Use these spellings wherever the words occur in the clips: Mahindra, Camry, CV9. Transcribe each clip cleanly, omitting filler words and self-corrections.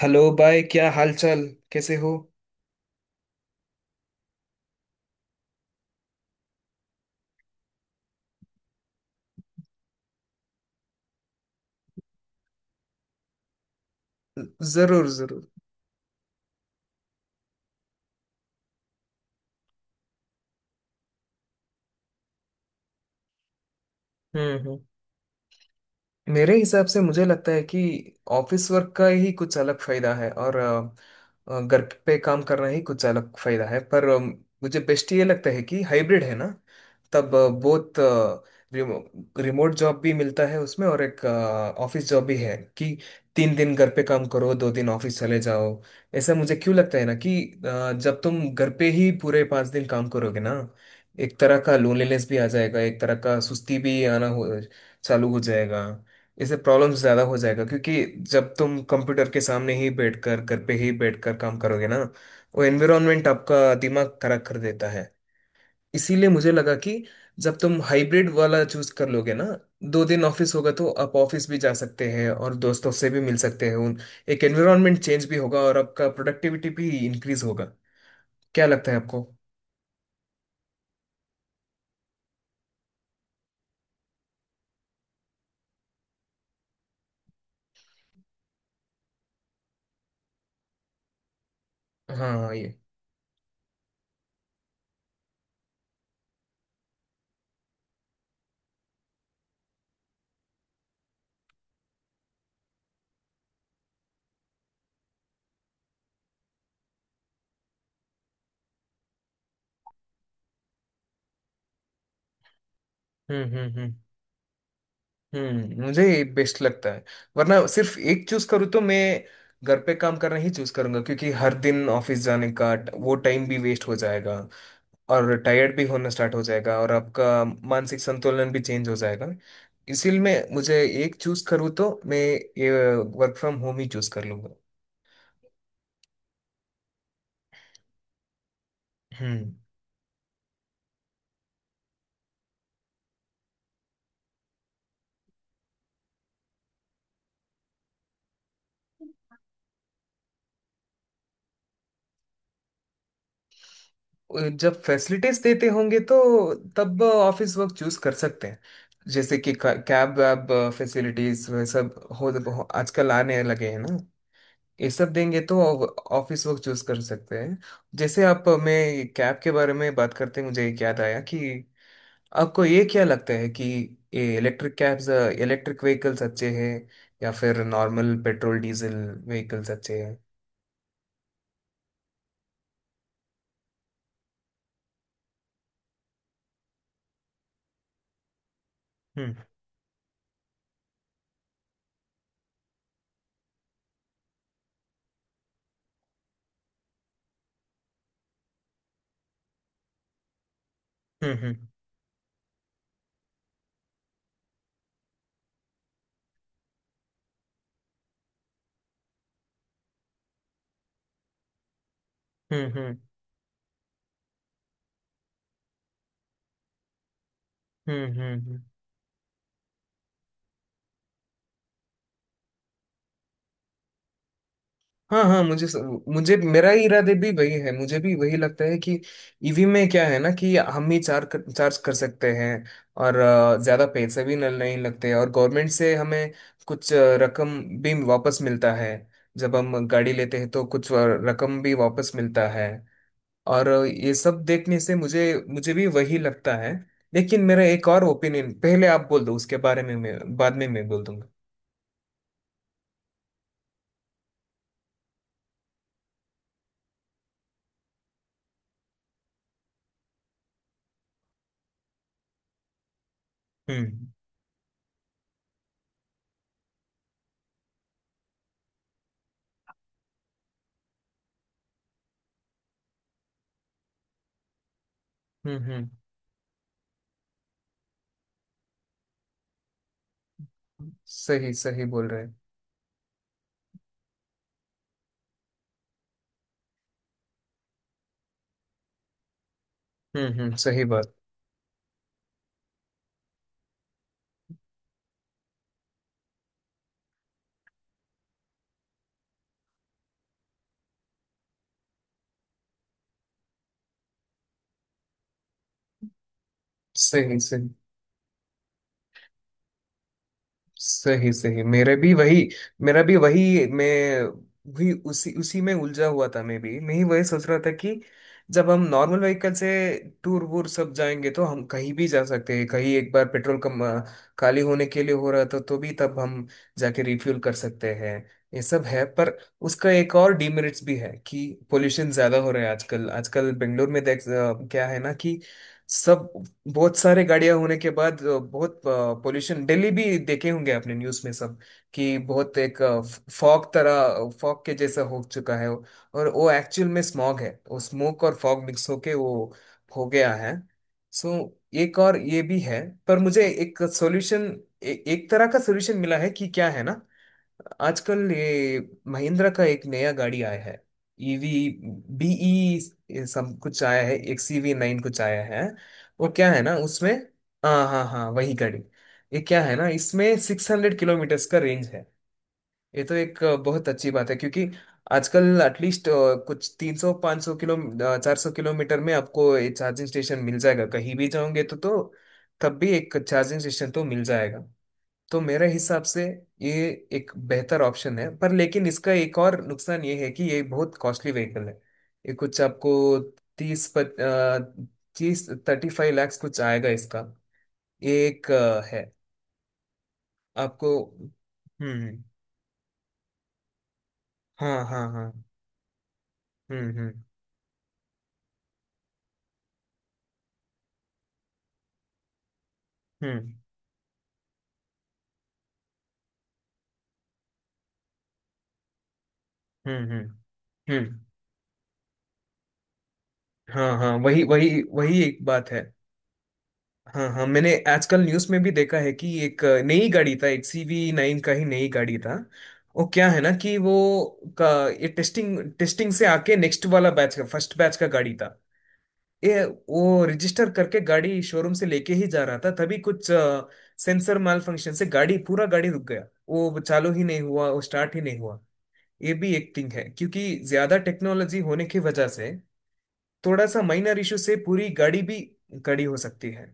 Hello भाई, क्या हाल चाल, कैसे हो? जरूर, जरूर। हम्म हम्म। मेरे हिसाब से मुझे लगता है कि ऑफिस वर्क का ही कुछ अलग फायदा है, और घर पे काम करना ही कुछ अलग फायदा है। पर मुझे बेस्ट ये लगता है कि हाइब्रिड है ना। तब बहुत रिमो, रिमोट जॉब भी मिलता है उसमें, और एक ऑफिस जॉब भी है कि 3 दिन घर पे काम करो, 2 दिन ऑफिस चले जाओ। ऐसा मुझे क्यों लगता है ना कि जब तुम घर पे ही पूरे 5 दिन काम करोगे ना, एक तरह का लोनलीनेस भी आ जाएगा, एक तरह का सुस्ती भी आना हो चालू हो जाएगा। इससे प्रॉब्लम ज्यादा हो जाएगा, क्योंकि जब तुम कंप्यूटर के सामने ही बैठकर, घर पे ही बैठकर काम करोगे ना, वो एनवायरनमेंट आपका दिमाग खराब कर देता है। इसीलिए मुझे लगा कि जब तुम हाइब्रिड वाला चूज कर लोगे ना, 2 दिन ऑफिस होगा, तो आप ऑफिस भी जा सकते हैं और दोस्तों से भी मिल सकते हैं उन, एक एनवायरनमेंट चेंज भी होगा और आपका प्रोडक्टिविटी भी इंक्रीज होगा। क्या लगता है आपको? हाँ, हाँ, ये। हम्म, हम्म, हम्म, हम्म, मुझे ये बेस्ट लगता है। वरना सिर्फ एक चूज करूँ तो मैं घर पे काम करना ही चूज करूंगा, क्योंकि हर दिन ऑफिस जाने का वो टाइम भी वेस्ट हो जाएगा, और टायर्ड भी होना स्टार्ट हो जाएगा, और आपका मानसिक संतुलन भी चेंज हो जाएगा। इसीलिए मैं मुझे एक चूज करूँ तो मैं ये वर्क फ्रॉम होम ही चूज कर लूंगा। हम्म। जब फैसिलिटीज देते होंगे, तो तब ऑफिस वर्क चूज कर सकते हैं। जैसे कि कैब वैब, फैसिलिटीज वह सब हो आजकल आने लगे हैं ना, ये सब देंगे तो ऑफिस वर्क चूज कर सकते हैं। जैसे, आप, मैं कैब के बारे में बात करते हैं, मुझे एक याद आया कि आपको ये क्या लगता है कि ये इलेक्ट्रिक कैब्स, इलेक्ट्रिक व्हीकल्स अच्छे हैं, या फिर नॉर्मल पेट्रोल डीजल व्हीकल्स अच्छे हैं? हम्म, हम्म, हम्म, हम्म, हम्म, हम्म, हम्म। हाँ, हाँ, मुझे मुझे मेरा ही इरादे भी वही है, मुझे भी वही लगता है कि ईवी में क्या है ना, कि हम ही चार्ज कर सकते हैं, और ज्यादा पैसे भी नहीं लगते, और गवर्नमेंट से हमें कुछ रकम भी वापस मिलता है। जब हम गाड़ी लेते हैं तो कुछ रकम भी वापस मिलता है। और ये सब देखने से मुझे मुझे भी वही लगता है। लेकिन मेरा एक और ओपिनियन, पहले आप बोल दो उसके बारे में, मैं बाद में मैं बोल दूंगा। हम्म, हम्म, हम्म, सही सही बोल रहे हैं। हम्म, हम्म, सही बात। सही, सही, सही, सही, मेरे भी वही, मेरा भी वही, मैं भी उसी उसी में उलझा हुआ था, मैं भी मैं ही वही सोच रहा था कि जब हम नॉर्मल व्हीकल से टूर वूर सब जाएंगे, तो हम कहीं भी जा सकते हैं, कहीं एक बार पेट्रोल कम, खाली होने के लिए हो रहा था, तो भी तब हम जाके रिफ्यूल कर सकते हैं। ये सब है, पर उसका एक और डीमेरिट्स भी है कि पोल्यूशन ज्यादा हो रहा है आजकल। आजकल बेंगलोर में क्या है ना कि सब, बहुत सारे गाड़ियां होने के बाद बहुत पोल्यूशन, दिल्ली भी देखे होंगे आपने न्यूज़ में, सब कि बहुत एक फॉग के जैसा हो चुका है वो। और वो एक्चुअल में स्मॉग है, वो स्मोक और फॉग मिक्स होके वो हो गया है। सो एक और ये भी है, पर मुझे एक सॉल्यूशन, एक तरह का सॉल्यूशन मिला है कि क्या है ना, आजकल ये महिंद्रा का एक नया गाड़ी आया है, ईवी, बीई सब कुछ आया है, एक सीवी 9 कुछ आया है, वो क्या है ना उसमें। हाँ, हाँ, हाँ, वही गाड़ी। ये क्या है ना, इसमें 600 किलोमीटर्स का रेंज है। ये तो एक बहुत अच्छी बात है, क्योंकि आजकल एटलीस्ट कुछ 300, 500 किलो, 400 किलोमीटर में आपको ये चार्जिंग स्टेशन मिल जाएगा। कहीं भी जाओगे तो तब भी एक चार्जिंग स्टेशन तो मिल जाएगा। तो मेरे हिसाब से ये एक बेहतर ऑप्शन है, पर लेकिन इसका एक और नुकसान ये है कि ये बहुत कॉस्टली व्हीकल है। ये कुछ आपको तीस तीस 35 लाख कुछ आएगा इसका। ये एक है आपको। हम्म। हाँ, हाँ, हाँ। हम्म, हम्म, हम्म, हम्म, हम्म, हम्म। हाँ, हाँ, वही वही वही एक बात है। हाँ, हाँ, मैंने आजकल न्यूज़ में भी देखा है कि एक नई गाड़ी था, एक सीवी 9 का ही नई गाड़ी था। वो क्या है ना, कि वो का ये टेस्टिंग, टेस्टिंग से आके नेक्स्ट वाला बैच का, फर्स्ट बैच का गाड़ी था ये। वो रजिस्टर करके गाड़ी शोरूम से लेके ही जा रहा था, तभी कुछ सेंसर माल फंक्शन से गाड़ी पूरा गाड़ी रुक गया, वो चालू ही नहीं हुआ, वो स्टार्ट ही नहीं हुआ। ये भी एक थिंग है, क्योंकि ज्यादा टेक्नोलॉजी होने की वजह से थोड़ा सा माइनर इशू से पूरी गाड़ी भी कड़ी हो सकती है।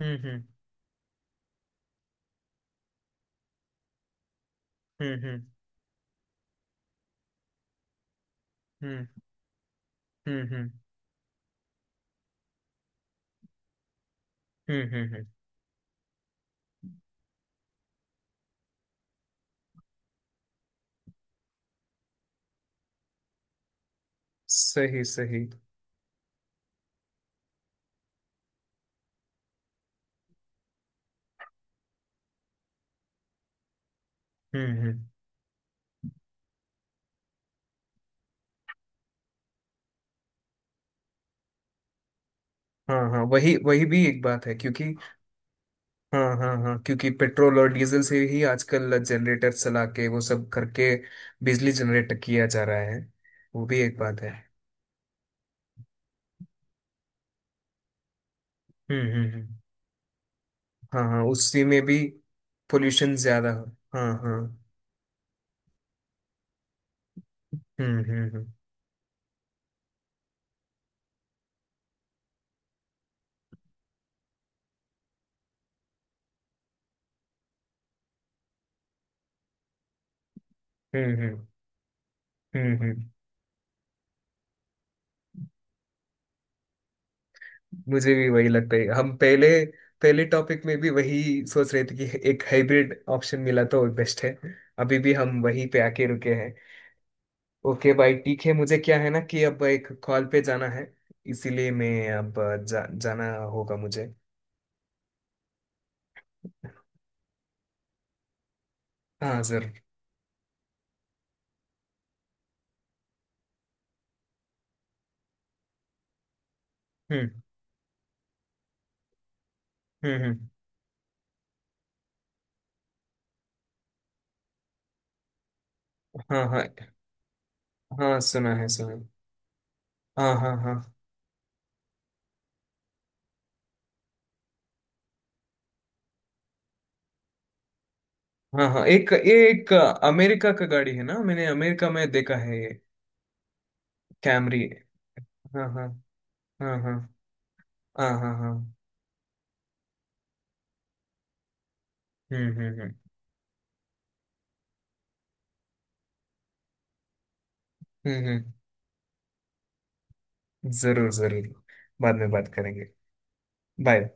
हम्म, हम्म, हम्म, हम्म, हम्म, हम्म, हम्म, हम्म, हम्म, हम्म। सही, सही। हम्म, हम्म। हाँ, हाँ, वही वही भी एक बात है, क्योंकि, हाँ, हाँ, हाँ, क्योंकि पेट्रोल और डीजल से ही आजकल जनरेटर चला के वो सब करके बिजली जनरेट किया जा रहा है, वो भी एक बात है। हम्म, हम्म, हम्म। हाँ, हाँ, उसी में भी पोल्यूशन ज्यादा हो। हाँ, हाँ। हम्म, हम्म, हम्म, हम्म, हम्म, हम्म, हम्म। मुझे भी वही लगता है, हम पहले पहले टॉपिक में भी वही सोच रहे थे कि एक हाइब्रिड ऑप्शन मिला तो बेस्ट है। अभी भी हम वही पे आके रुके हैं। ओके भाई, ठीक है, मुझे क्या है ना कि अब एक कॉल पे जाना है, इसीलिए मैं अब जाना होगा मुझे। हाँ, जरूर। हम्म, हम्म, हम्म। हाँ, हाँ, हाँ, सुना है, सुना है। हाँ, हाँ, हाँ, हाँ, हाँ, एक ये एक अमेरिका का गाड़ी है ना, मैंने अमेरिका में देखा है ये। कैमरी, हाँ, हाँ, हाँ, हाँ, हाँ, हाँ, हाँ। हम्म, हम्म, हम्म, हम्म, हम्म। जरूर, जरूर, बाद में बात करेंगे, बाय।